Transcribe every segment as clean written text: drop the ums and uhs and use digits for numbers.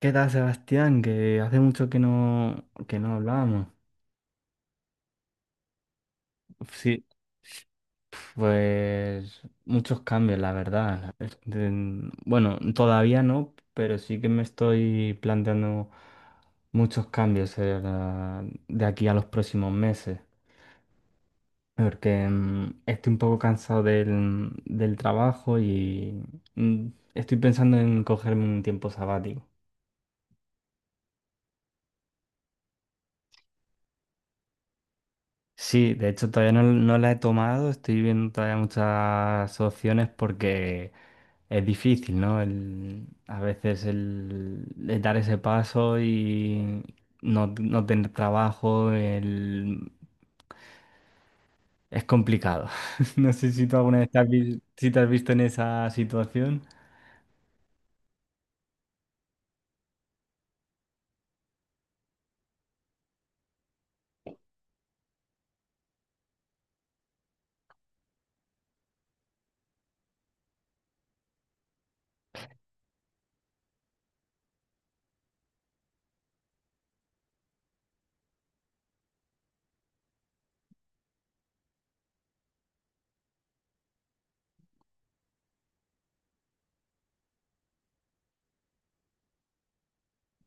¿Qué tal, Sebastián? Que hace mucho que no hablábamos. Sí, pues muchos cambios, la verdad. Bueno, todavía no, pero sí que me estoy planteando muchos cambios de aquí a los próximos meses. Porque estoy un poco cansado del trabajo y mm, estoy pensando en cogerme un tiempo sabático. Sí, de hecho todavía no la he tomado, estoy viendo todavía muchas opciones porque es difícil, ¿no? A veces el dar ese paso y no tener trabajo es complicado. No sé si tú alguna vez si te has visto en esa situación.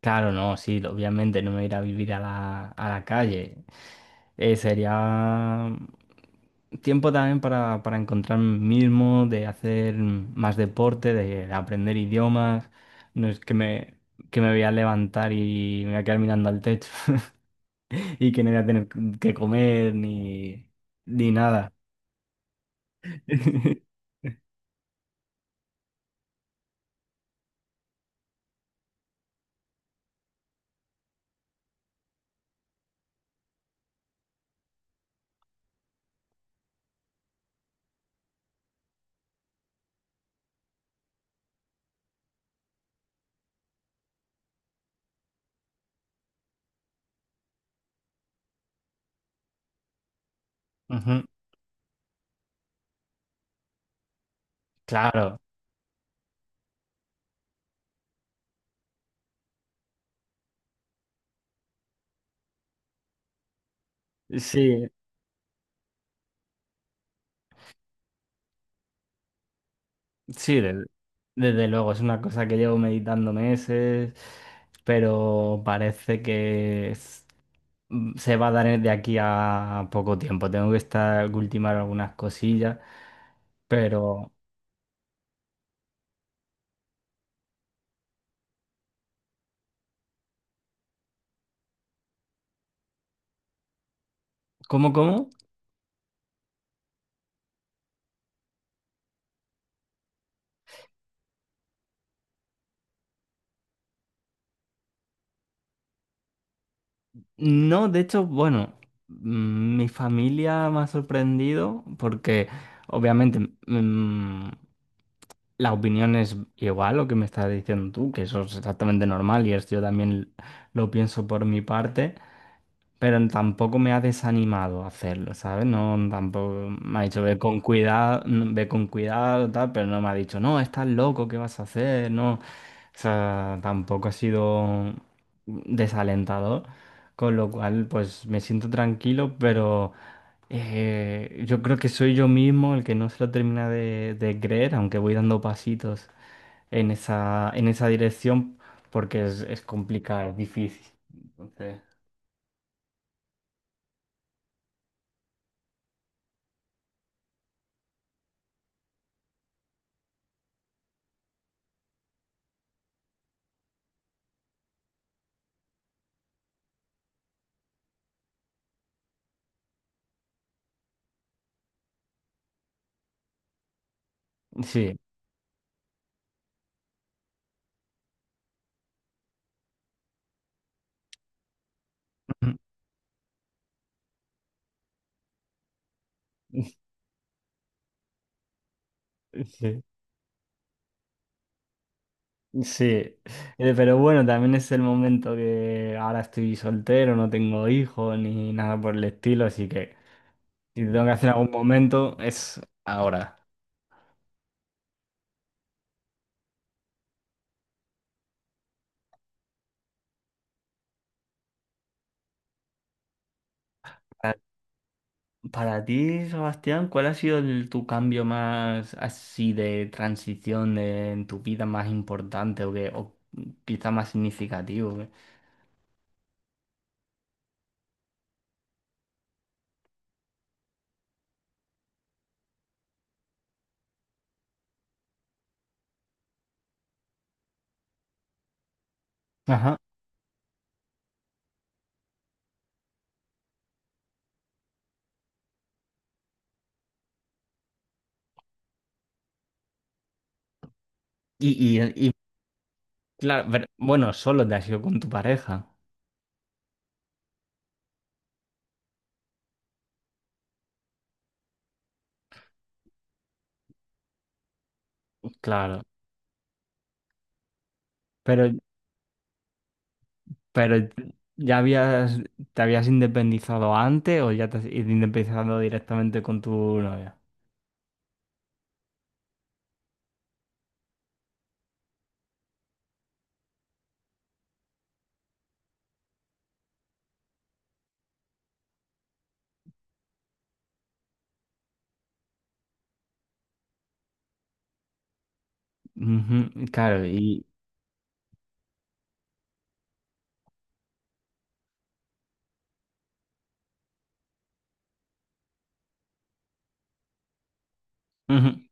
Claro, no, sí, obviamente no me iré a vivir a la calle. Sería tiempo también para encontrarme mismo, de hacer más deporte, de aprender idiomas. No es que me voy a levantar y me voy a quedar mirando al techo y que no voy a tener que comer ni nada. Ujú, claro, sí, sí, desde luego, es una cosa que llevo meditando meses, pero parece que se va a dar de aquí a poco tiempo. Tengo que estar ultimar algunas cosillas, pero ¿cómo, cómo? No, de hecho, bueno, mi familia me ha sorprendido porque obviamente mm, la opinión es igual lo que me estás diciendo tú, que eso es exactamente normal y esto yo también lo pienso por mi parte. Pero tampoco me ha desanimado a hacerlo, ¿sabes? No, tampoco me ha dicho, ve con cuidado, ve con cuidado, tal, pero no me ha dicho, no, estás loco, ¿qué vas a hacer? No, o sea, tampoco ha sido desalentador, con lo cual, pues me siento tranquilo, pero yo creo que soy yo mismo el que no se lo termina de creer, aunque voy dando pasitos en esa dirección, porque es complicado, es difícil. Entonces, sí. Sí, sí. Pero bueno, también es el momento que ahora estoy soltero, no tengo hijos ni nada por el estilo, así que si tengo que hacer algún momento es ahora. Para, para ti, Sebastián, ¿cuál ha sido tu cambio más así de transición en tu vida más importante o, que, o quizá más significativo? ¿Eh? Ajá. Y claro, pero bueno, solo te has ido con tu pareja, claro. Pero Pero ¿ya habías, te habías independizado antes o ya te has independizado directamente con tu novia? Ujú, claro, y ujú.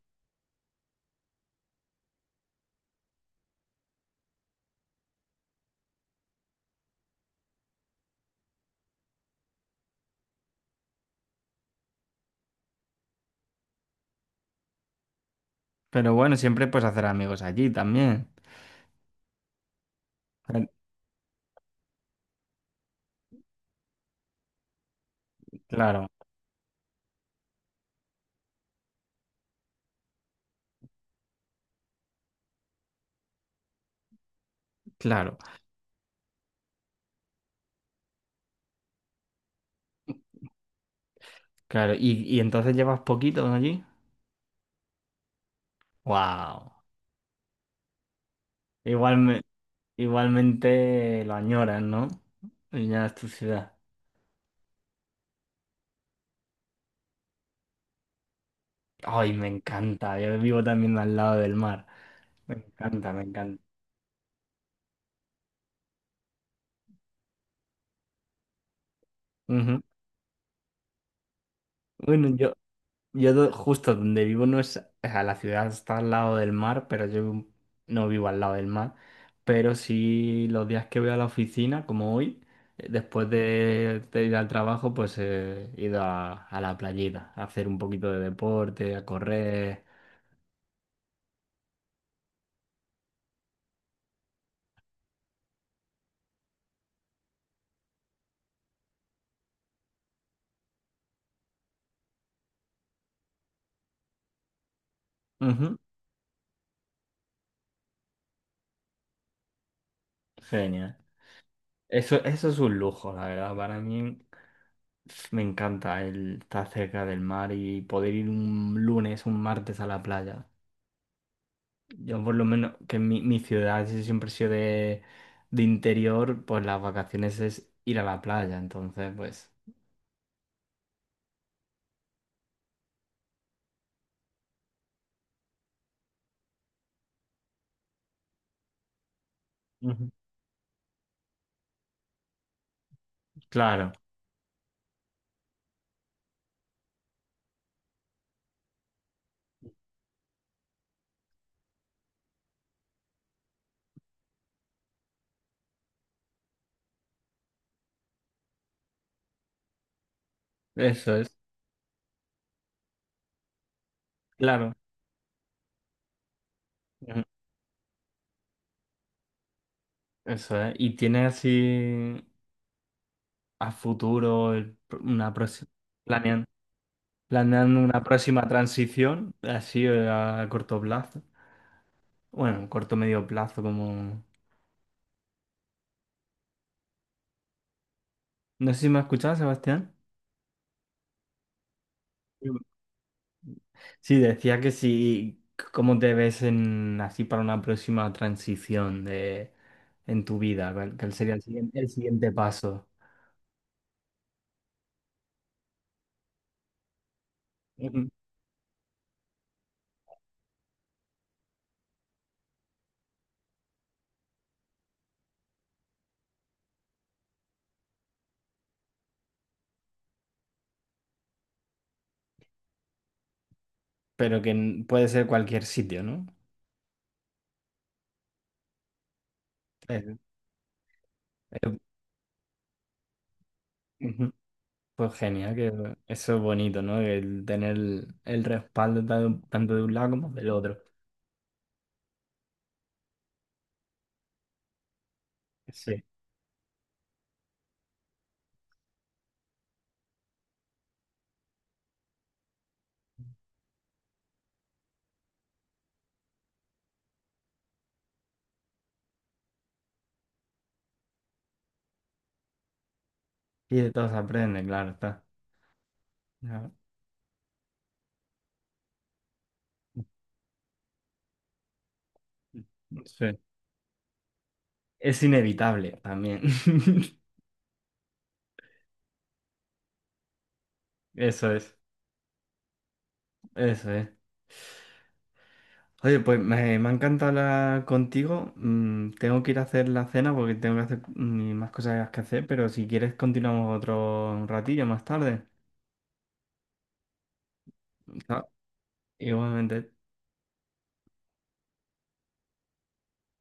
Pero bueno, siempre puedes hacer amigos allí también. Cla- Claro, claro, claro. Y entonces llevas poquito, ¿no?, allí? Wow. Igualme, igualmente lo añoras, ¿no? Ya es tu ciudad. Ay, me encanta. Yo vivo también al lado del mar. Me encanta, me encanta. Ujú. Bueno, yo justo donde vivo no es, o sea, la ciudad está al lado del mar, pero yo no vivo al lado del mar. Pero sí los días que voy a la oficina, como hoy, después de ir al trabajo, pues he ido a la playita, a hacer un poquito de deporte, a correr. Ujú, genial. Eso es un lujo, la verdad. Para mí, pf, me encanta el estar cerca del mar y poder ir un lunes, un martes a la playa. Yo por lo menos, que en mi ciudad sí siempre ha sido de interior, pues las vacaciones es ir a la playa, entonces pues... Ujú. Claro, eso es, claro, ujú, eso es. ¿Y tiene así a futuro el una próxima, planeando, planeando una próxima transición, así a corto plazo? Bueno, corto medio plazo, como... No sé si me has escuchado, Sebastián. Sí, decía que sí, ¿cómo te ves en, así para una próxima transición de, en tu vida? ¿Cuál sería el siguiente paso? Ujú. Pero que puede ser cualquier sitio, ¿no? Eh, eh, ujú. Pues genial, que eso es bonito, ¿no? El tener el respaldo tanto de un lado como del otro. Sí. Y de todos se aprende, claro, está. Ya. Sí. Es inevitable también. Eso es, eso es. Oye, pues me ha encantado hablar contigo. Tengo que ir a hacer la cena porque tengo que hacer más cosas que hacer, pero si quieres continuamos otro ratillo más tarde. Ah, igualmente.